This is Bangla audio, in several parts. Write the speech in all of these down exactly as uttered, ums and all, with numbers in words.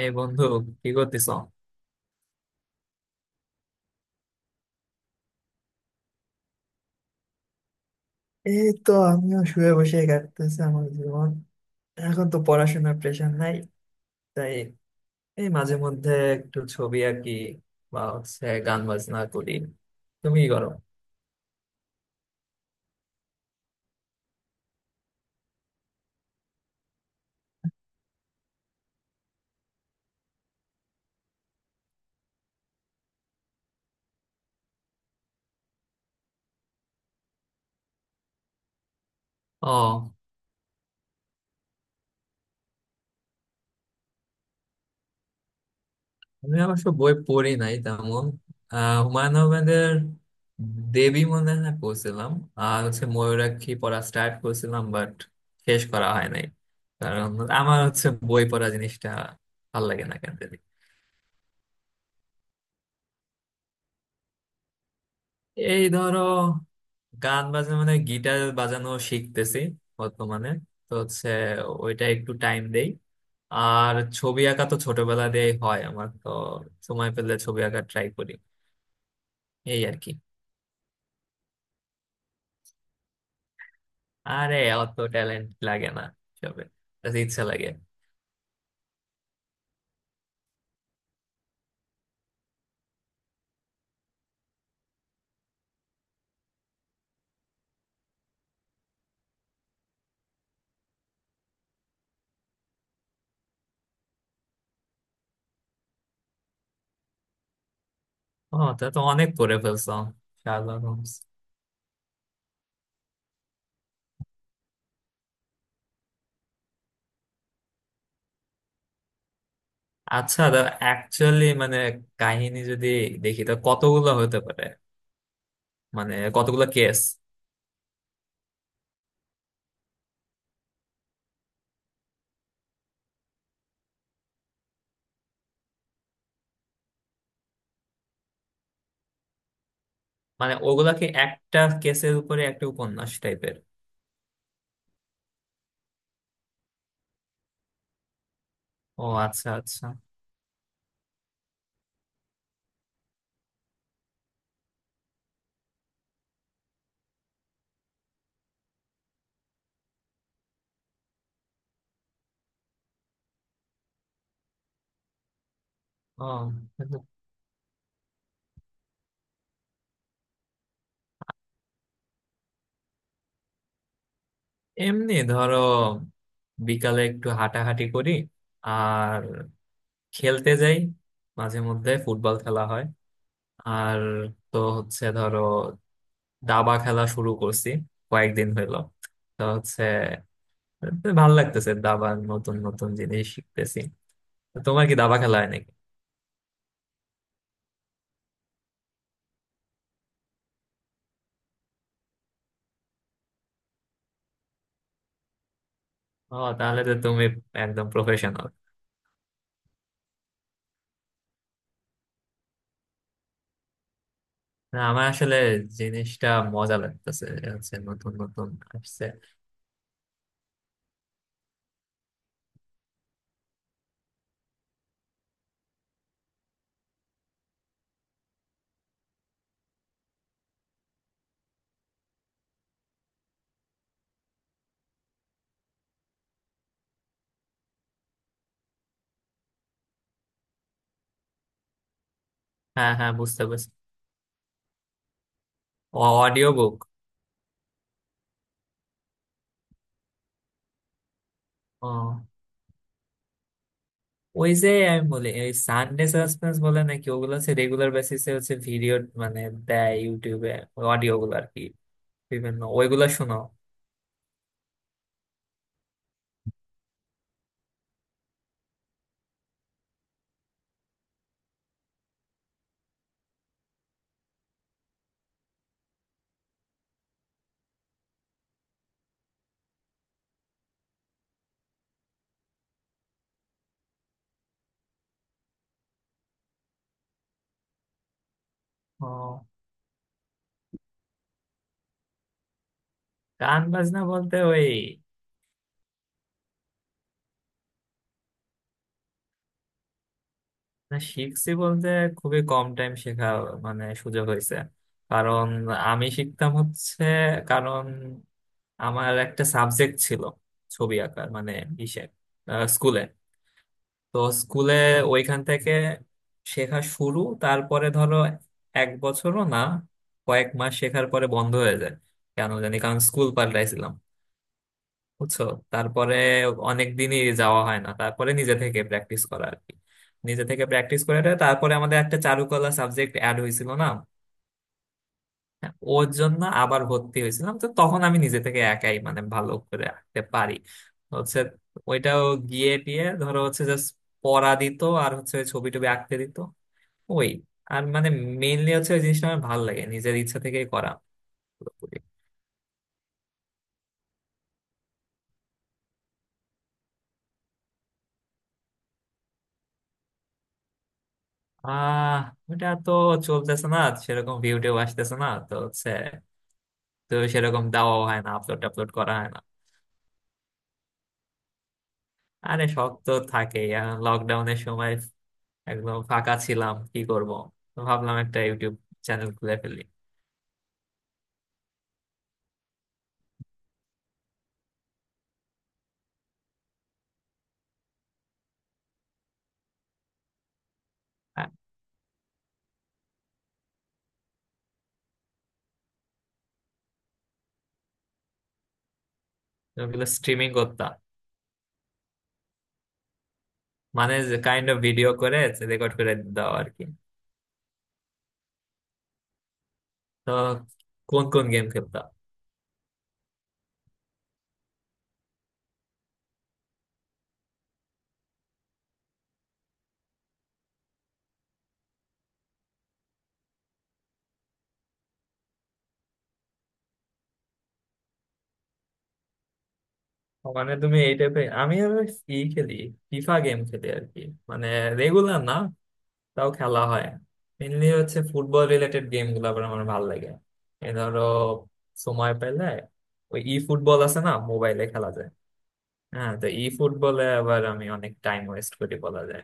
এই বন্ধু, কি করতেছ? এই তো, আমিও শুয়ে বসে কাটতেছে আমার জীবন। এখন তো পড়াশোনার প্রেশার নাই, তাই এই মাঝে মধ্যে একটু ছবি আঁকি, বা হচ্ছে গান বাজনা করি। তুমি কি করো? ও, আমি অবশ্য বই পড়ি নাই তেমন। আহ হুমায়ুন আহমেদের দেবী মনে হয় পড়ছিলাম। আর হচ্ছে ময়ূরাক্ষী পড়া স্টার্ট করেছিলাম, বাট শেষ করা হয় নাই। কারণ আমার হচ্ছে বই পড়া জিনিসটা ভাল লাগে না কেন। এই ধরো, গান বাজনা মানে গিটার বাজানো শিখতেছি বর্তমানে। তো হচ্ছে, ওইটা একটু টাইম দেই। আর ছবি আঁকা তো ছোটবেলা দিয়েই হয় আমার, তো সময় পেলে ছবি আঁকা ট্রাই করি। এই আর কি। আরে, অত ট্যালেন্ট লাগে না, সবে just ইচ্ছা লাগে। ও, তা তো অনেক করে ফেলছো, শার্লক হোমস। আচ্ছা, অ্যাকচুয়ালি মানে কাহিনী যদি দেখি তা কতগুলো হতে পারে, মানে কতগুলো কেস। মানে ওগুলাকে একটা কেসের উপরে একটা উপন্যাস টাইপের? ও, আচ্ছা আচ্ছা। ও, এমনি ধরো বিকালে একটু হাঁটাহাঁটি করি, আর খেলতে যাই, মাঝে মধ্যে ফুটবল খেলা হয়। আর তো হচ্ছে ধরো, দাবা খেলা শুরু করছি কয়েকদিন হলো। তো হচ্ছে, ভালো লাগতেছে, দাবার নতুন নতুন জিনিস শিখতেছি। তো তোমার কি দাবা খেলা হয় নাকি? ও, তাহলে তো তুমি একদম প্রফেশনাল। না আমার আসলে জিনিসটা মজা লাগতেছে, হচ্ছে নতুন নতুন আসছে। হ্যাঁ হ্যাঁ, বুঝতে পারছি। Audio book. ও, ওই যে আমি বলি ওই সানডে সাসপেন্স বলে নাকি ওগুলো, হচ্ছে রেগুলার বেসিসে হচ্ছে ভিডিও, মানে দেয় ইউটিউবে অডিও গুলো আর কি। বিভিন্ন ওইগুলো শোনো? ও, গান বাজনা বলতে ওই। না, শিখছি বলতে খুবই কম টাইম শেখা, মানে সুযোগ হয়েছে। কারণ আমি শিখতাম হচ্ছে, কারণ আমার একটা সাবজেক্ট ছিল, ছবি আঁকার, মানে ইসে, আহ, স্কুলে। তো স্কুলে ওইখান থেকে শেখা শুরু। তারপরে ধরো এক বছরও না, কয়েক মাস শেখার পরে বন্ধ হয়ে যায় কেন জানি, কারণ স্কুল পাল্টাইছিলাম, বুঝছো। তারপরে অনেক দিনই যাওয়া হয় না, তারপরে নিজে থেকে প্র্যাকটিস করা আর কি। নিজে থেকে প্র্যাকটিস করে তারপরে আমাদের একটা চারুকলা সাবজেক্ট অ্যাড হয়েছিল না। হ্যাঁ, ওর জন্য আবার ভর্তি হয়েছিলাম, তো তখন আমি নিজে থেকে একাই মানে ভালো করে আঁকতে পারি। হচ্ছে ওইটাও গিয়ে টিয়ে ধরো, হচ্ছে জাস্ট পড়া দিত, আর হচ্ছে ওই ছবি টবি আঁকতে দিত ওই। আর মানে মেইনলি হচ্ছে ওই জিনিসটা আমার ভালো লাগে নিজের ইচ্ছা থেকেই করা পুরোপুরি। আহ ওটা তো চলতেছে না, সেরকম ভিউ টিউ আসতেছে না, তো হচ্ছে তো সেরকম দেওয়াও হয় না, আপলোড টাপলোড করা হয় না। আরে, শখ তো থাকে। লকডাউনের সময় একদম ফাঁকা ছিলাম, কি করব? তো ভাবলাম একটা ইউটিউব চ্যানেল খুলে ফেলি। হ্যাঁ, তো ওগুলো স্ট্রিমিং করতাম, মানে কাইন্ড অফ ভিডিও করে রেকর্ড করে দাও আর কি। তো কোন কোন গেম খেলতাম? ও, মানে তুমি এই টাইপের, আমি আবার ই খেলি, ফিফা গেম খেলি আর কি। মানে রেগুলার না, তাও খেলা হয়। মেনলি হচ্ছে ফুটবল রিলেটেড গেম গুলো আবার আমার ভালো লাগে। এই ধরো সময় পেলে, ওই ই ফুটবল আছে না মোবাইলে খেলা যায়। হ্যাঁ, তো ই ফুটবলে আবার আমি অনেক টাইম ওয়েস্ট করি বলা যায়।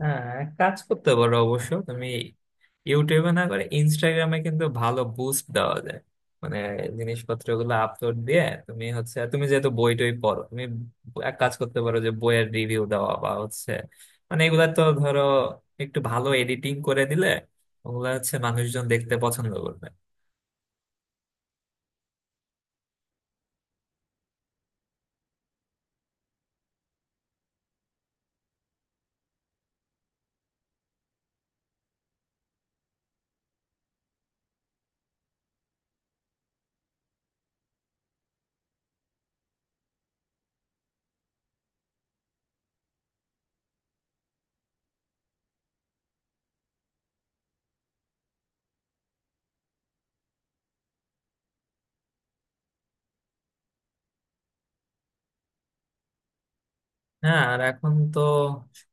হ্যাঁ, এক কাজ করতে পারো অবশ্য তুমি, ইউটিউবে না করে ইনস্টাগ্রামে কিন্তু ভালো বুস্ট দেওয়া যায়। মানে জিনিসপত্র গুলো আপলোড দিয়ে, তুমি হচ্ছে তুমি যেহেতু বই টই পড়ো, তুমি এক কাজ করতে পারো যে বইয়ের রিভিউ দেওয়া বা হচ্ছে, মানে এগুলা তো ধরো একটু ভালো এডিটিং করে দিলে ওগুলা হচ্ছে মানুষজন দেখতে পছন্দ করবে। হ্যাঁ, আর এখন তো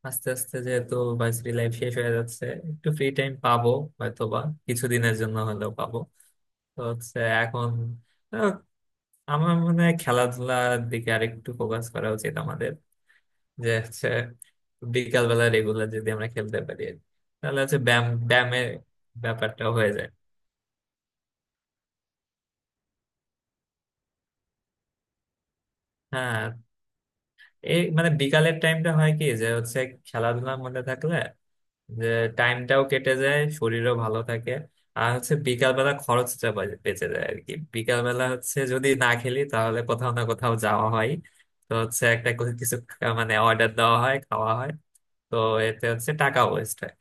আস্তে আস্তে যেহেতু ভার্সিটি লাইফ শেষ হয়ে যাচ্ছে, একটু ফ্রি টাইম পাবো, হয়তো বা কিছুদিনের জন্য হলেও পাবো। তো হচ্ছে এখন, আহ, আমার মনে হয় খেলাধুলার দিকে আরেকটু ফোকাস করা উচিত আমাদের। যে হচ্ছে বিকাল বেলা রেগুলার যদি আমরা খেলতে পারি আর কি। তাহলে হচ্ছে ব্যায়াম ব্যায়ামের ব্যাপারটা হয়ে যায়। হ্যাঁ, এই মানে বিকালের টাইমটা হয় কি, যে হচ্ছে খেলাধুলার মধ্যে থাকলে, যে টাইমটাও কেটে যায়, শরীরও ভালো থাকে। আর হচ্ছে বিকালবেলা খরচটা বাঁচ- বেঁচে যায় আর কি। বিকালবেলা হচ্ছে যদি না খেলি, তাহলে কোথাও না কোথাও যাওয়া হয়, তো হচ্ছে একটা কোনো কিছু খা- মানে অর্ডার দেওয়া হয়, খাওয়া হয়। তো এতে হচ্ছে টাকা ওয়েস্ট হয়।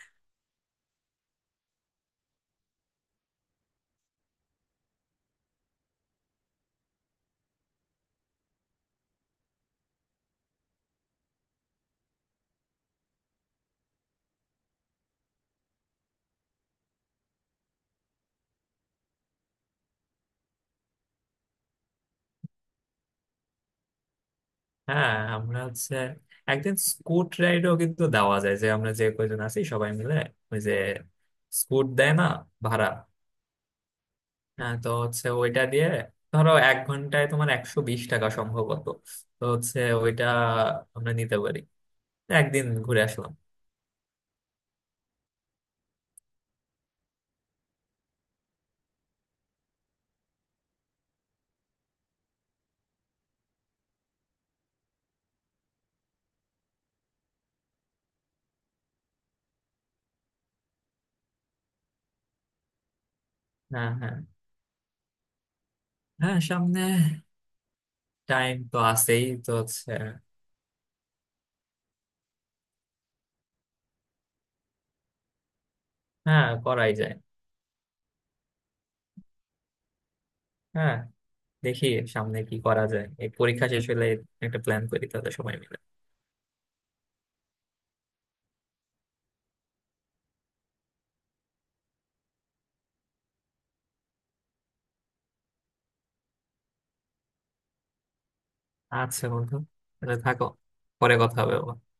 হ্যাঁ, আমরা হচ্ছে একদিন স্কুট রাইডও কিন্তু দেওয়া যায়, যে আমরা যে কয়জন আছি সবাই মিলে। ওই যে স্কুট দেয় না, ভাড়া। হ্যাঁ, তো হচ্ছে ওইটা দিয়ে ধরো এক ঘন্টায় তোমার একশো বিশ টাকা সম্ভবত। তো হচ্ছে ওইটা আমরা নিতে পারি, একদিন ঘুরে আসলাম। হ্যাঁ হ্যাঁ হ্যাঁ, সামনে টাইম তো আছেই, তো হচ্ছে। হ্যাঁ, করাই যায়। হ্যাঁ, দেখি সামনে কি করা যায়, এই পরীক্ষা শেষ হলে একটা প্ল্যান করি, তাহলে সময় মিলে। আচ্ছা বন্ধু, তাহলে থাকো, পরে কথা হবে আবার।